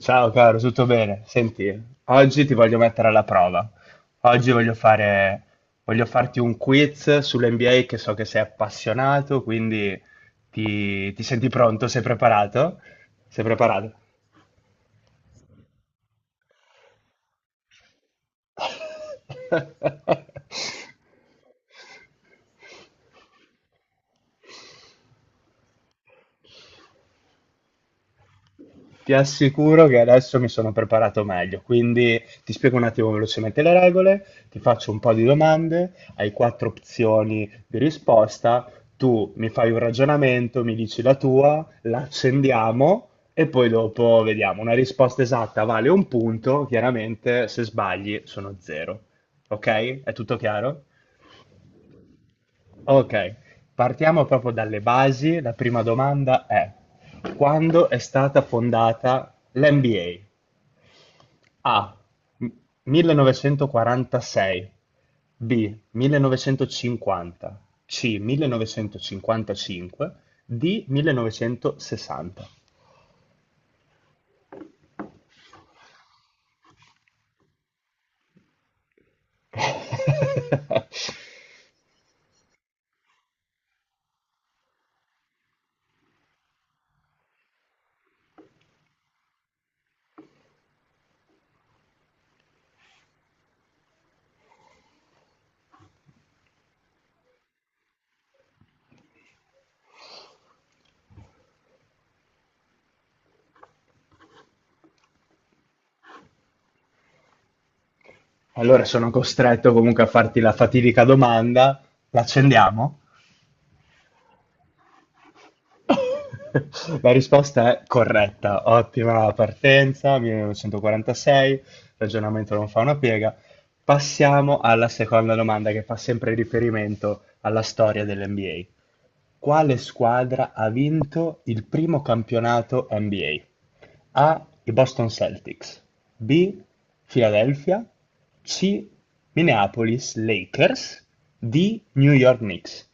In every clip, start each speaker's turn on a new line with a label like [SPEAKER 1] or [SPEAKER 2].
[SPEAKER 1] Ciao caro, tutto bene? Senti, oggi ti voglio mettere alla prova. Oggi voglio farti un quiz sull'NBA che so che sei appassionato, quindi ti senti pronto? Sei preparato? Sei preparato? Ti assicuro che adesso mi sono preparato meglio, quindi ti spiego un attimo velocemente le regole, ti faccio un po' di domande, hai quattro opzioni di risposta, tu mi fai un ragionamento, mi dici la tua, la accendiamo e poi dopo vediamo. Una risposta esatta vale un punto, chiaramente se sbagli sono zero. Ok? È tutto chiaro? Ok, partiamo proprio dalle basi. La prima domanda è: quando è stata fondata l'NBA? A. 1946. B. 1950. C. 1955. D. 1960. Allora sono costretto comunque a farti la fatidica domanda. L'accendiamo? La risposta è corretta, ottima partenza, 1946, ragionamento non fa una piega. Passiamo alla seconda domanda che fa sempre riferimento alla storia dell'NBA. Quale squadra ha vinto il primo campionato NBA? A. I Boston Celtics, B. Philadelphia, C. Minneapolis Lakers, D. New York Knicks.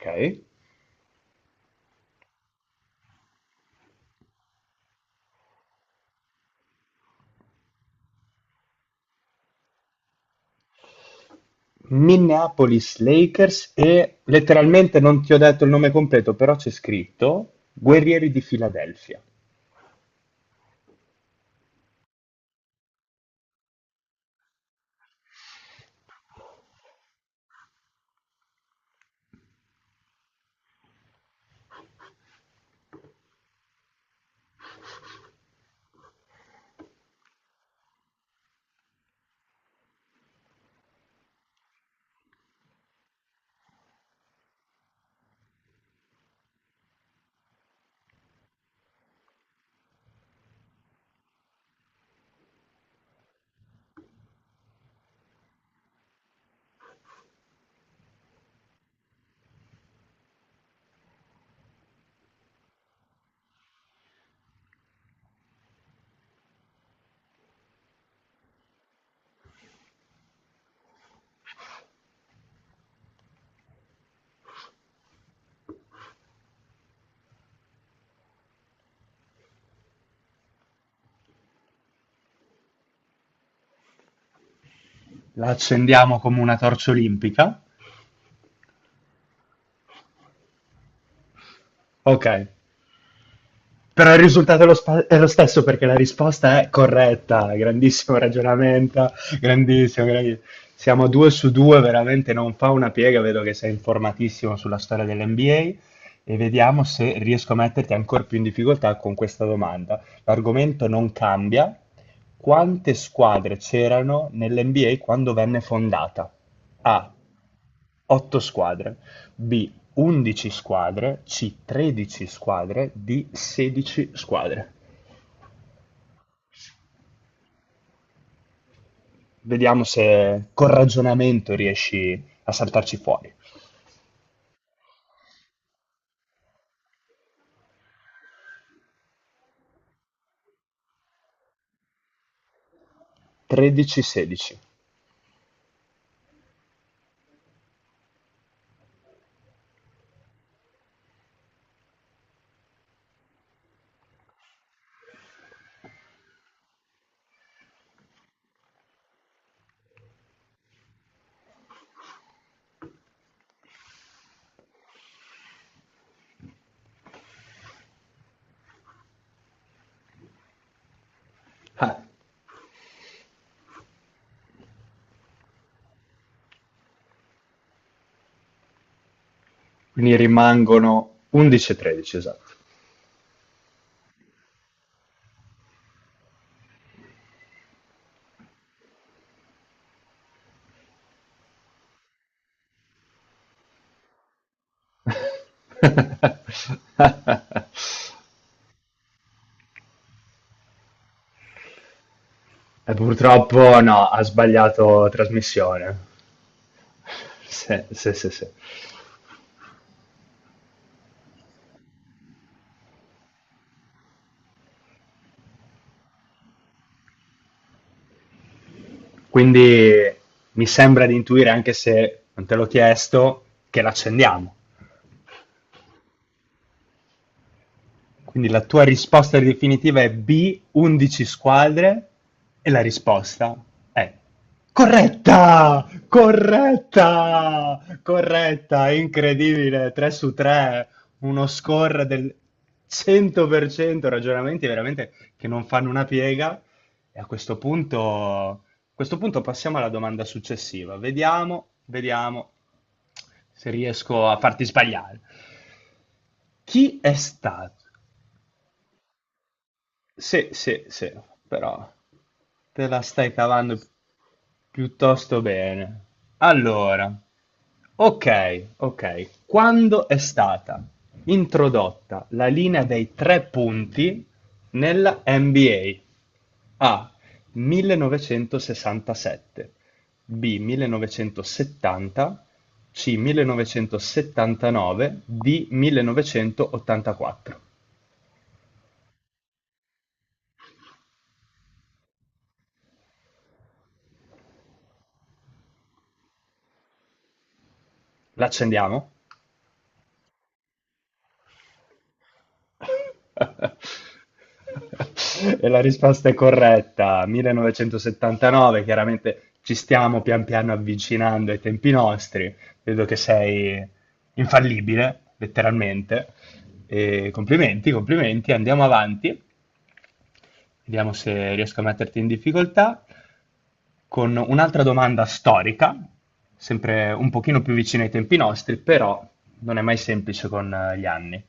[SPEAKER 1] Ok? Minneapolis Lakers, e letteralmente non ti ho detto il nome completo, però c'è scritto Guerrieri di Filadelfia. La accendiamo come una torcia olimpica. Ok, però il risultato è è lo stesso perché la risposta è corretta. Grandissimo ragionamento, grandissimo, grandissimo. Siamo 2 su 2, veramente non fa una piega. Vedo che sei informatissimo sulla storia dell'NBA, e vediamo se riesco a metterti ancora più in difficoltà con questa domanda. L'argomento non cambia. Quante squadre c'erano nell'NBA quando venne fondata? A. Otto squadre; B. undici squadre; C. tredici squadre; D. sedici squadre. Vediamo se col ragionamento riesci a saltarci fuori. 13-16. Ah, quindi rimangono 11-13, esatto. E purtroppo no, ha sbagliato trasmissione. Sì, sì, sì, sì. Quindi mi sembra di intuire, anche se non te l'ho chiesto, che l'accendiamo. Quindi la tua risposta definitiva è B, 11 squadre, e la risposta è corretta! Corretta! Corretta! Incredibile! 3 su 3, uno score del 100%, ragionamenti veramente che non fanno una piega. E a questo punto passiamo alla domanda successiva. Vediamo, vediamo se riesco a farti sbagliare. Chi è stato sì, sì, sì, però te la stai cavando piuttosto bene. Allora, ok, ok. Quando è stata introdotta la linea dei tre punti nella NBA? A. 1967, B. 1970, C. 1979, D. 1984. L'accendiamo? E la risposta è corretta, 1979, chiaramente ci stiamo pian piano avvicinando ai tempi nostri, vedo che sei infallibile, letteralmente. E complimenti, complimenti, andiamo avanti. Vediamo se riesco a metterti in difficoltà con un'altra domanda storica, sempre un pochino più vicina ai tempi nostri, però non è mai semplice con gli anni.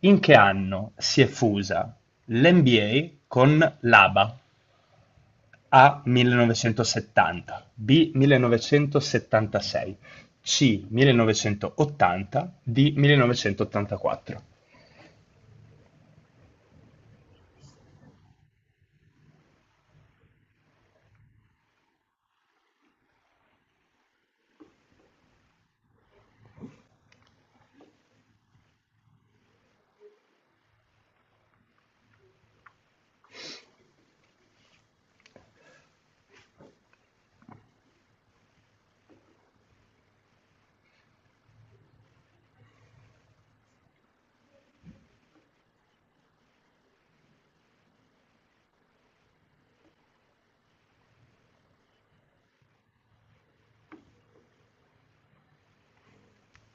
[SPEAKER 1] In che anno si è fusa l'NBA con l'ABA? A. 1970, B. 1976, C. 1980, D. 1984.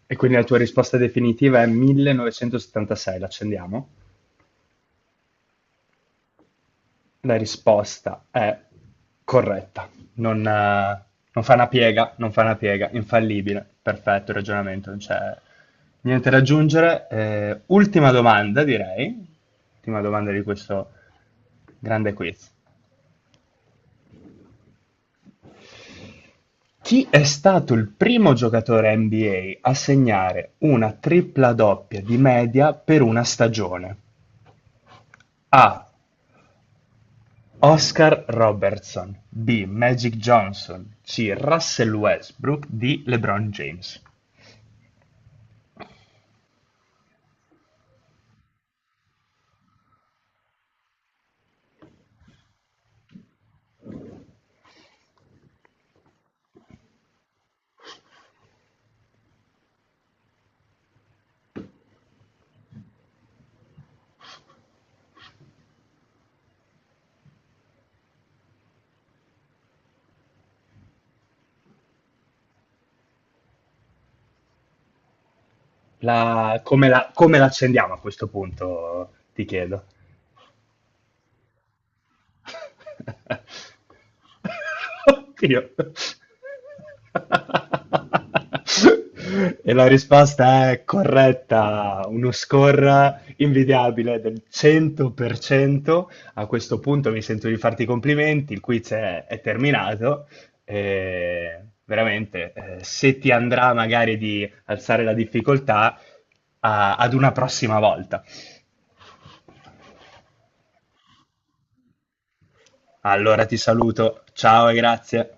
[SPEAKER 1] E quindi la tua risposta definitiva è 1976, l'accendiamo? La risposta è corretta, non, eh, non fa una piega, non fa una piega, infallibile, perfetto il ragionamento, non c'è niente da aggiungere. Ultima domanda, direi, ultima domanda di questo grande quiz. Chi è stato il primo giocatore NBA a segnare una tripla doppia di media per una stagione? A. Oscar Robertson, B. Magic Johnson, C. Russell Westbrook, D. LeBron James. La- come la come l'accendiamo a questo punto, ti chiedo. Oddio. E la risposta è corretta, uno score invidiabile del 100%. A questo punto mi sento di farti i complimenti, il quiz è terminato. E veramente, se ti andrà magari di alzare la difficoltà, ad una prossima volta. Allora ti saluto, ciao e grazie.